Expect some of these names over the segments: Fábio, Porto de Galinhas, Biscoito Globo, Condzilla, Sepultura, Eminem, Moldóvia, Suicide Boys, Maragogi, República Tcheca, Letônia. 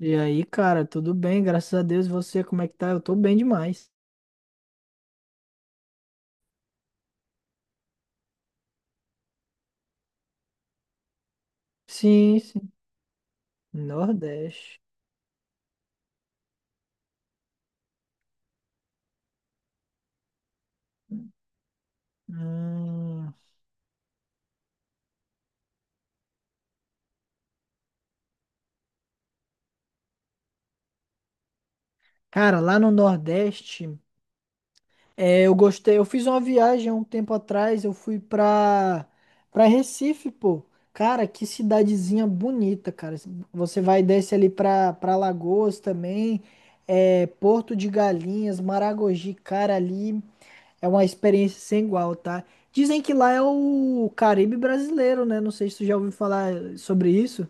E aí, cara, tudo bem? Graças a Deus. E você, como é que tá? Eu tô bem demais. Sim, sim. Nordeste. Hum. Cara, lá no Nordeste, eu gostei. Eu fiz uma viagem há um tempo atrás. Eu fui pra Recife, pô. Cara, que cidadezinha bonita, cara. Você vai e desce ali pra Lagoas também. É, Porto de Galinhas, Maragogi, cara, ali. É uma experiência sem igual, tá? Dizem que lá é o Caribe brasileiro, né? Não sei se tu já ouviu falar sobre isso.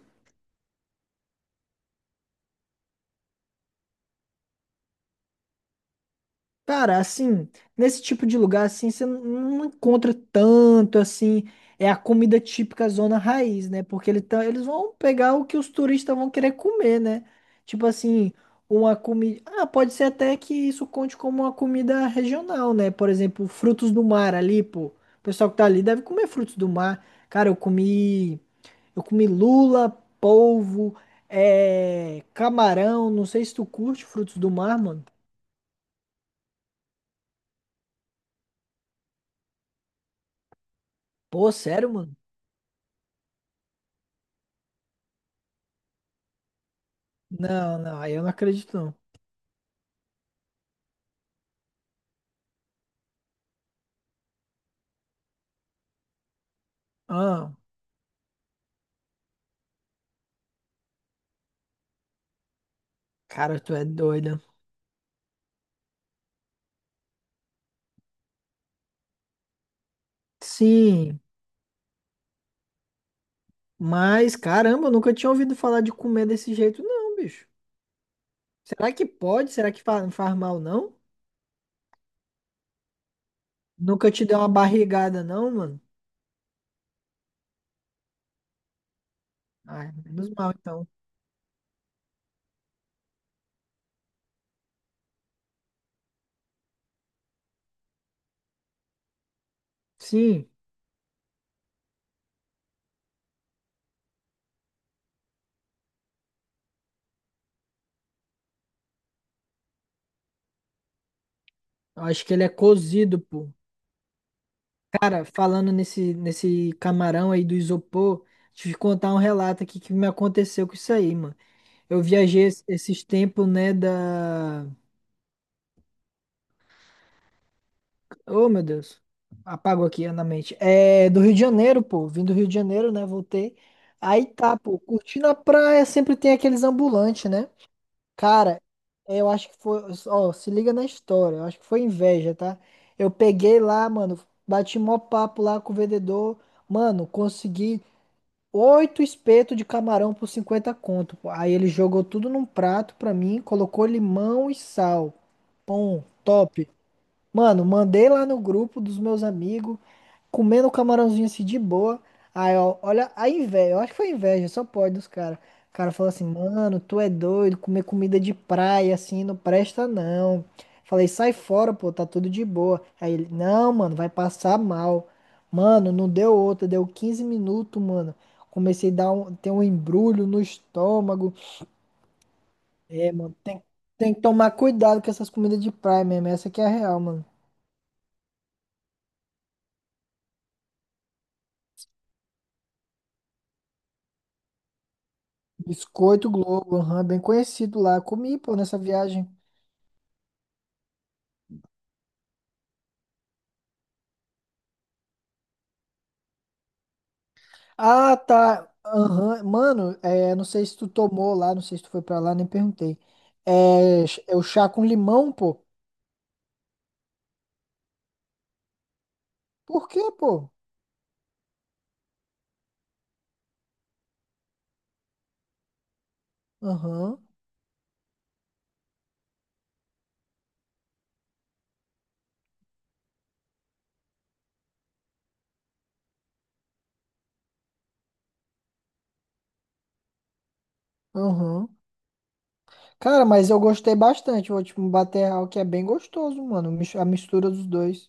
Cara, assim, nesse tipo de lugar, assim, você não encontra tanto, assim, é a comida típica zona raiz, né? Porque eles vão pegar o que os turistas vão querer comer, né? Tipo assim, uma comida... Ah, pode ser até que isso conte como uma comida regional, né? Por exemplo, frutos do mar ali, pô. O pessoal que tá ali deve comer frutos do mar. Cara, eu comi... Eu comi lula, polvo, camarão. Não sei se tu curte frutos do mar, mano. Pô, sério, mano? Não, não, aí eu não acredito, não. Ah, cara, tu é doida. Sim, mas caramba, eu nunca tinha ouvido falar de comer desse jeito, não, bicho. Será que pode? Será que faz mal, não? Nunca te deu uma barrigada, não, mano? Ah, menos mal, então. Sim, eu acho que ele é cozido, pô. Cara, falando nesse camarão aí do isopor, deixa eu te contar um relato aqui que me aconteceu com isso aí, mano. Eu viajei esses tempos, né, da... Oh, meu Deus. Apago aqui na mente. É, do Rio de Janeiro, pô. Vim do Rio de Janeiro, né, voltei. Aí tá, pô, curtindo a praia, sempre tem aqueles ambulantes, né? Cara, eu acho que foi... Ó, se liga na história. Eu acho que foi inveja, tá? Eu peguei lá, mano, bati mó papo lá com o vendedor. Mano, consegui 8 espetos de camarão por 50 conto, pô. Aí ele jogou tudo num prato pra mim, colocou limão e sal. Pão, top. Mano, mandei lá no grupo dos meus amigos comendo o camarãozinho assim de boa. Aí, ó, olha a inveja, eu acho que foi inveja, só pode dos caras. O cara falou assim, mano, tu é doido, comer comida de praia assim não presta não. Falei, sai fora, pô, tá tudo de boa. Aí ele, não, mano, vai passar mal. Mano, não deu outra, deu 15 minutos, mano. Comecei a dar um, ter um embrulho no estômago. É, mano, tem que tomar cuidado com essas comidas de praia mesmo, essa que é a real, mano. Biscoito Globo, aham, bem conhecido lá. Comi, pô, nessa viagem. Ah, tá. Aham. Mano, é, não sei se tu tomou lá, não sei se tu foi pra lá, nem perguntei. É, é o chá com limão, pô. Por quê, pô? Aham, aham. Cara, mas eu gostei bastante. Vou, tipo, bater real que é bem gostoso, mano. A mistura dos dois.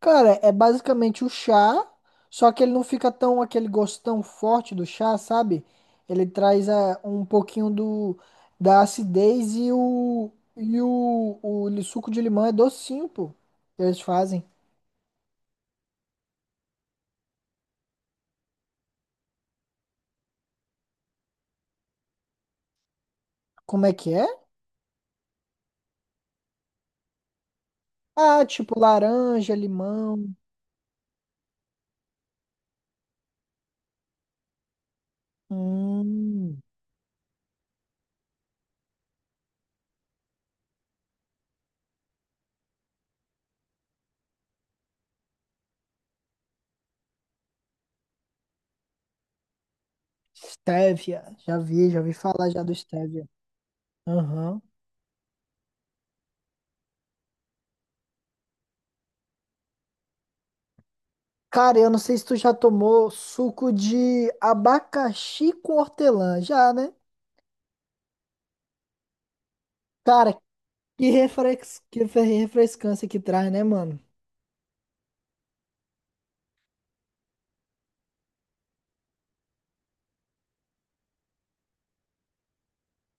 Cara, é basicamente o chá, só que ele não fica tão aquele gosto tão forte do chá, sabe? Ele traz a, um pouquinho do da acidez e o suco de limão é docinho, pô, que eles fazem. Como é que é? Ah, tipo laranja, limão. Hum, stevia. Já vi falar já do stevia. Aham. Cara, eu não sei se tu já tomou suco de abacaxi com hortelã, já, né? Cara, que refrescância que traz, né, mano?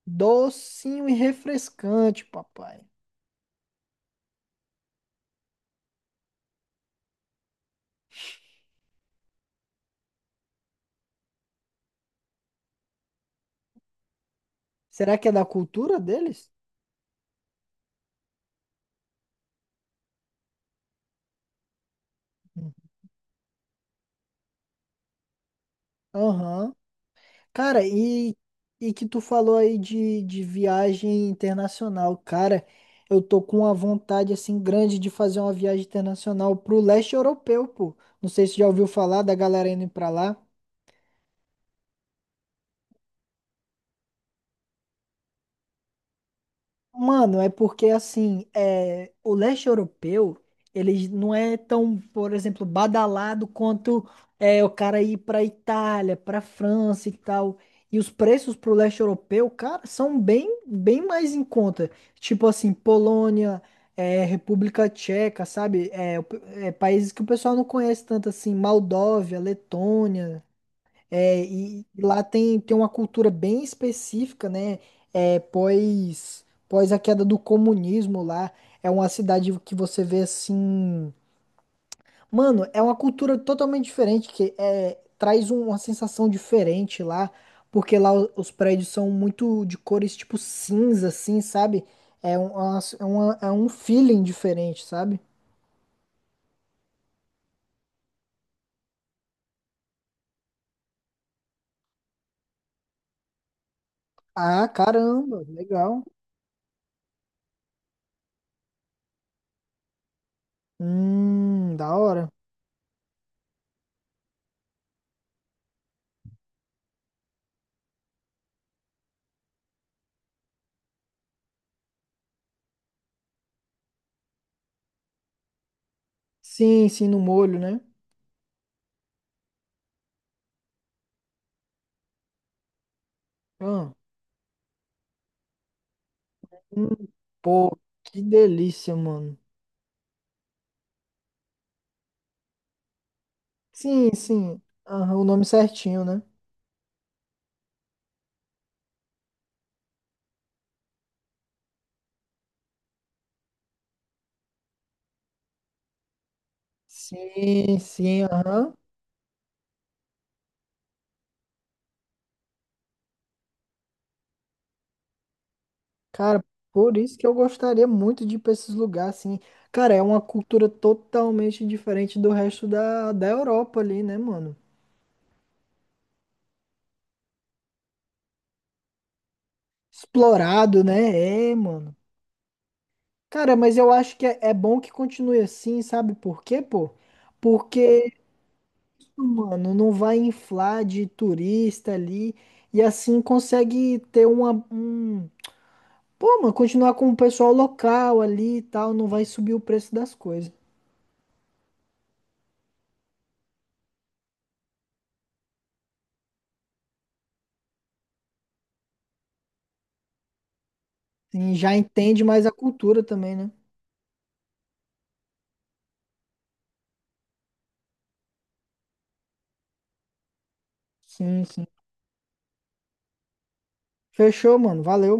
Docinho e refrescante, papai. Será que é da cultura deles? Hum. Aham. Cara, e que tu falou aí de viagem internacional. Cara, eu tô com uma vontade, assim, grande de fazer uma viagem internacional pro leste europeu, pô. Não sei se já ouviu falar da galera indo pra lá. Mano, é porque assim, é, o leste europeu, ele não é tão, por exemplo, badalado quanto o cara ir pra Itália, pra França e tal. E os preços pro leste europeu, cara, são bem, bem mais em conta. Tipo assim, Polônia, é, República Tcheca, sabe? É, é, países que o pessoal não conhece tanto assim, Moldóvia, Letônia. É, e lá tem, tem uma cultura bem específica, né? É, pós a queda do comunismo lá. É uma cidade que você vê assim. Mano, é uma cultura totalmente diferente, que é, traz uma sensação diferente lá, porque lá os prédios são muito de cores tipo cinza, assim, sabe? É um feeling diferente, sabe? Ah, caramba, legal. Da hora. Sim, sim, no molho, né? Ah. Hum, pô, que delícia, mano. Sim, sim. Aham, o nome certinho, né? Sim, sim, aham. Cara, por isso que eu gostaria muito de ir pra esses lugares, assim. Cara, é uma cultura totalmente diferente do resto da Europa ali, né, mano? Explorado, né? É, mano. Cara, mas eu acho é bom que continue assim, sabe por quê, pô? Porque, mano, não vai inflar de turista ali e assim consegue ter uma, um pô, mano, continuar com o pessoal local ali e tal, não vai subir o preço das coisas. Sim, já entende mais a cultura também, né? Sim, sim. Fechou, mano. Valeu.